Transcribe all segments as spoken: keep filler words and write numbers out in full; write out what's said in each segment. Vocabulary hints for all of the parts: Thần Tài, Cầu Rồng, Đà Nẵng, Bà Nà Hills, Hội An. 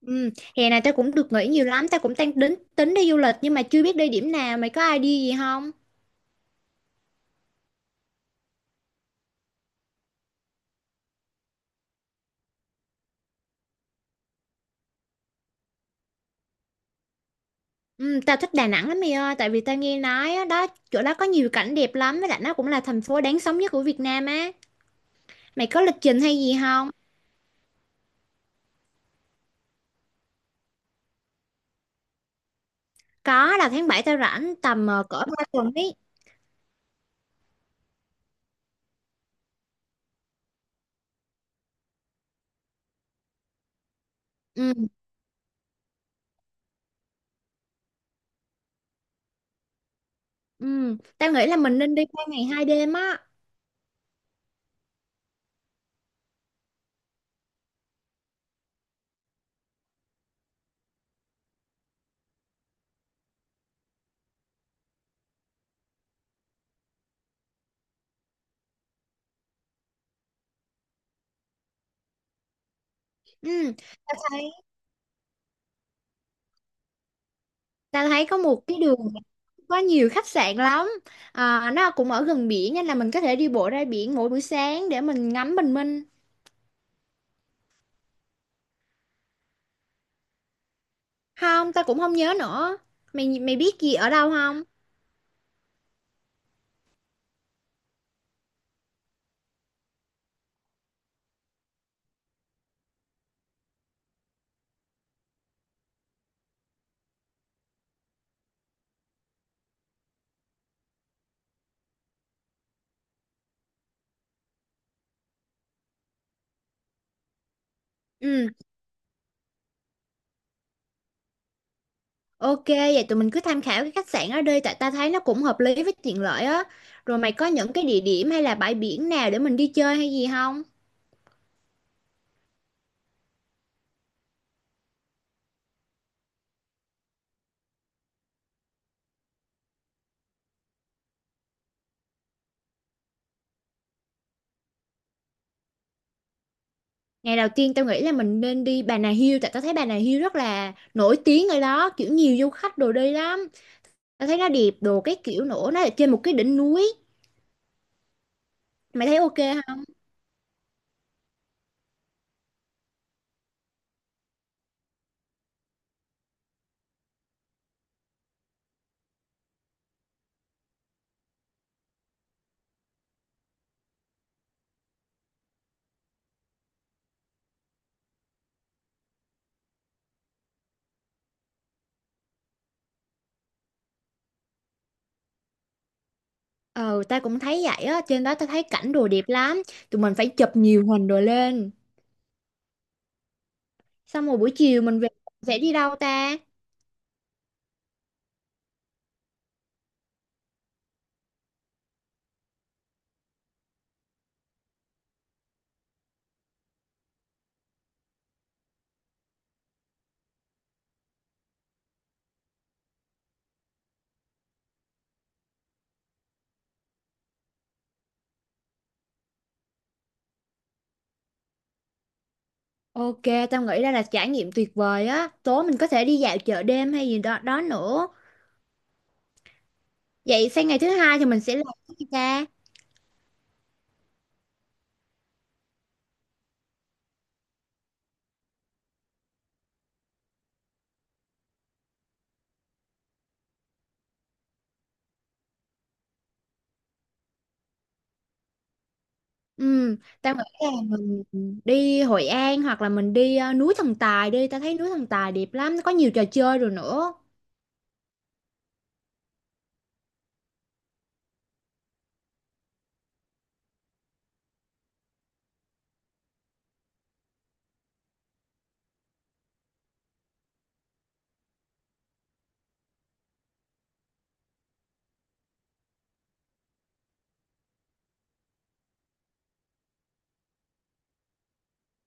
Ừ, hè này tao cũng được nghỉ nhiều lắm, tao cũng đang tính tính đi du lịch nhưng mà chưa biết đi điểm nào, mày có idea gì không? Ừ, tao thích Đà Nẵng lắm mày ơi, tại vì tao nghe nói á, đó chỗ đó có nhiều cảnh đẹp lắm với lại nó cũng là thành phố đáng sống nhất của Việt Nam á. Mày có lịch trình hay gì không? Có là tháng bảy tao rảnh tầm ờ, cỡ ba tuần ấy. Ừ, ừ, tao nghĩ là mình nên đi qua ngày hai đêm á. Ừ, tao thấy tao thấy có một cái đường có nhiều khách sạn lắm, à, nó cũng ở gần biển nên là mình có thể đi bộ ra biển mỗi buổi sáng để mình ngắm bình minh. Không, tao cũng không nhớ nữa. Mày mày biết gì ở đâu không? Ừ, ok vậy tụi mình cứ tham khảo cái khách sạn ở đây tại ta thấy nó cũng hợp lý với tiện lợi á. Rồi mày có những cái địa điểm hay là bãi biển nào để mình đi chơi hay gì không? Ngày đầu tiên tao nghĩ là mình nên đi Bà Nà Hills, tại tao thấy Bà Nà Hills rất là nổi tiếng, ở đó kiểu nhiều du khách đồ đi lắm. Tao thấy nó đẹp đồ, cái kiểu nữa nó ở trên một cái đỉnh núi. Mày thấy ok? Ờ, ta cũng thấy vậy á, trên đó ta thấy cảnh đồ đẹp lắm. Tụi mình phải chụp nhiều hình đồ lên. Xong rồi buổi chiều mình về sẽ đi đâu ta? Ok, tao nghĩ đây là trải nghiệm tuyệt vời á. Tối mình có thể đi dạo chợ đêm hay gì đó đó nữa. Vậy sang ngày thứ hai thì mình sẽ làm cái gì ta? Ừ, tao nghĩ là mình đi Hội An hoặc là mình đi ờ, núi Thần Tài đi. Tao thấy núi Thần Tài đẹp lắm, có nhiều trò chơi rồi nữa.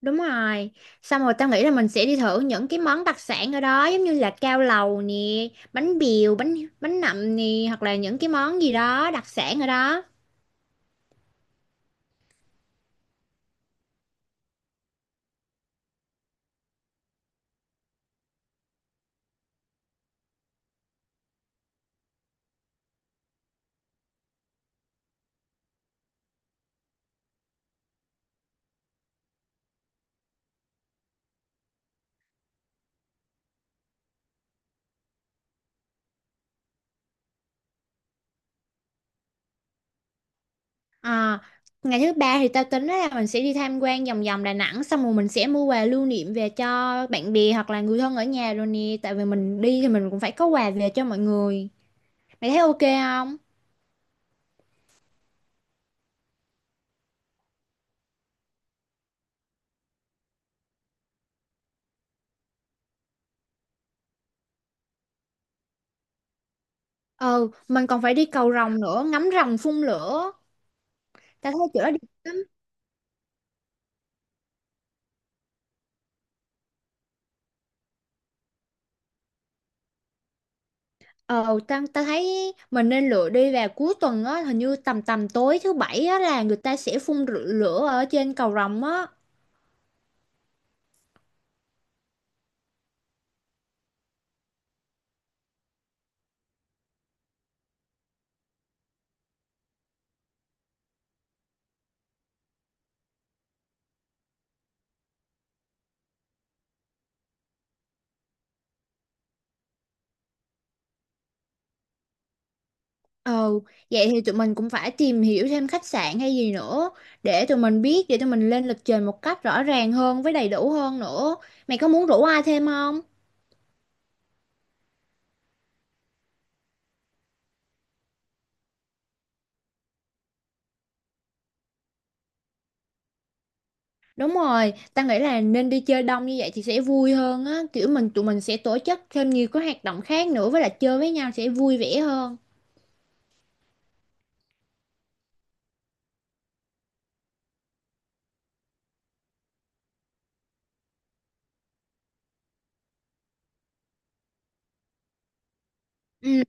Đúng rồi. Xong rồi tao nghĩ là mình sẽ đi thử những cái món đặc sản ở đó giống như là cao lầu nè, bánh bèo, bánh bánh nậm nè hoặc là những cái món gì đó đặc sản ở đó. Ờ, ngày thứ ba thì tao tính là mình sẽ đi tham quan vòng vòng Đà Nẵng xong rồi mình sẽ mua quà lưu niệm về cho bạn bè hoặc là người thân ở nhà rồi nè, tại vì mình đi thì mình cũng phải có quà về cho mọi người. Mày thấy ok không? Ừ, mình còn phải đi cầu rồng nữa, ngắm rồng phun lửa. Tao thấy chỗ đó đẹp. Ờ, ta, ta thấy mình nên lựa đi vào cuối tuần á, hình như tầm tầm tối thứ bảy á là người ta sẽ phun rự- lửa ở trên cầu rồng á. Ờ, vậy thì tụi mình cũng phải tìm hiểu thêm khách sạn hay gì nữa để tụi mình biết, để tụi mình lên lịch trình một cách rõ ràng hơn với đầy đủ hơn nữa. Mày có muốn rủ ai thêm không? Đúng rồi, ta nghĩ là nên đi chơi đông như vậy thì sẽ vui hơn á, kiểu mình tụi mình sẽ tổ chức thêm nhiều cái hoạt động khác nữa với lại chơi với nhau sẽ vui vẻ hơn. Ừ.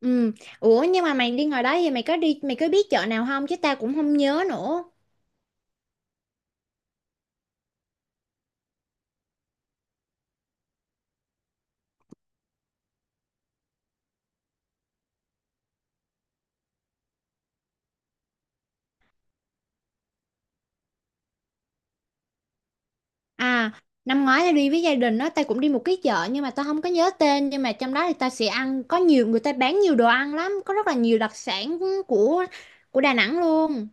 Ừ. Ủa nhưng mà mày đi ngoài đó thì mày có đi mày có biết chợ nào không, chứ tao cũng không nhớ nữa. À, năm ngoái tao đi với gia đình đó, tao cũng đi một cái chợ nhưng mà tao không có nhớ tên, nhưng mà trong đó thì tao sẽ ăn, có nhiều người ta bán nhiều đồ ăn lắm, có rất là nhiều đặc sản của của Đà Nẵng luôn.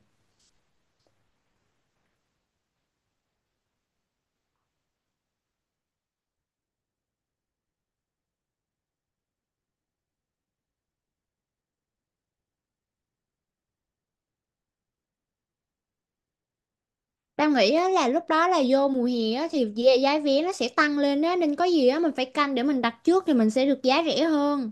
Tao nghĩ á, là lúc đó là vô mùa hè á, thì giá giá vé nó sẽ tăng lên á, nên có gì á mình phải canh để mình đặt trước thì mình sẽ được giá rẻ hơn.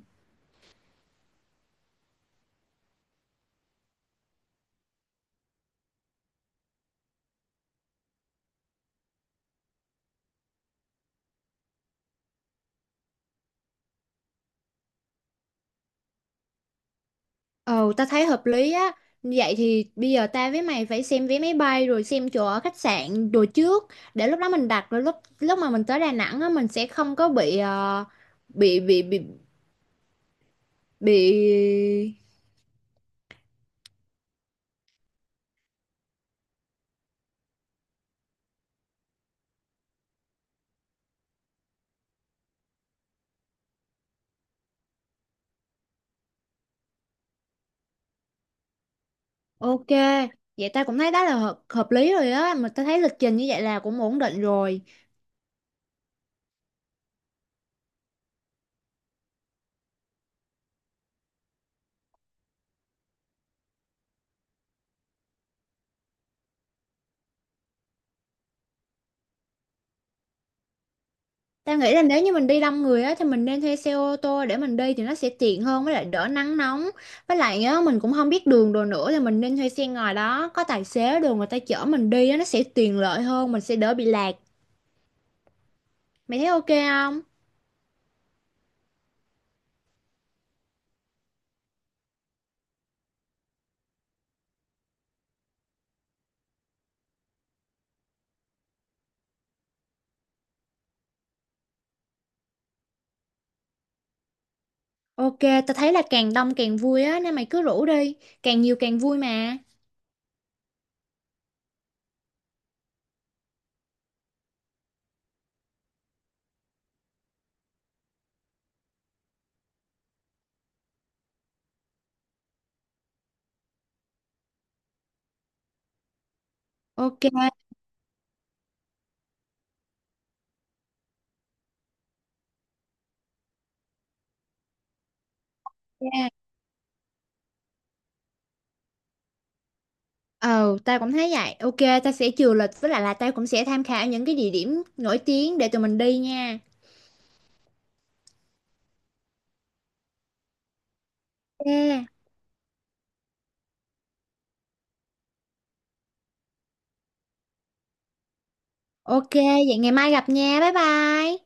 Ồ, ta thấy hợp lý á. Vậy thì bây giờ ta với mày phải xem vé máy bay rồi xem chỗ ở khách sạn đồ trước để lúc đó mình đặt, rồi lúc lúc mà mình tới Đà Nẵng á mình sẽ không có bị ờ, bị bị bị bị ok. Vậy ta cũng thấy đó là hợp, hợp lý rồi á, mà ta thấy lịch trình như vậy là cũng ổn định rồi. Tao nghĩ là nếu như mình đi đông người á thì mình nên thuê xe ô tô để mình đi thì nó sẽ tiện hơn với lại đỡ nắng nóng. Với lại á mình cũng không biết đường đồ nữa thì mình nên thuê xe ngoài đó, có tài xế đường người ta chở mình đi á, nó sẽ tiện lợi hơn, mình sẽ đỡ bị lạc. Mày thấy ok không? Ok, tao thấy là càng đông càng vui á nên mày cứ rủ đi, càng nhiều càng vui mà. Ok. Nha. Ờ, tao cũng thấy vậy. Ok, tao sẽ chừa lịch với lại là tao cũng sẽ tham khảo những cái địa điểm nổi tiếng để tụi mình đi nha. Ok, ok, vậy ngày mai gặp nha. Bye bye.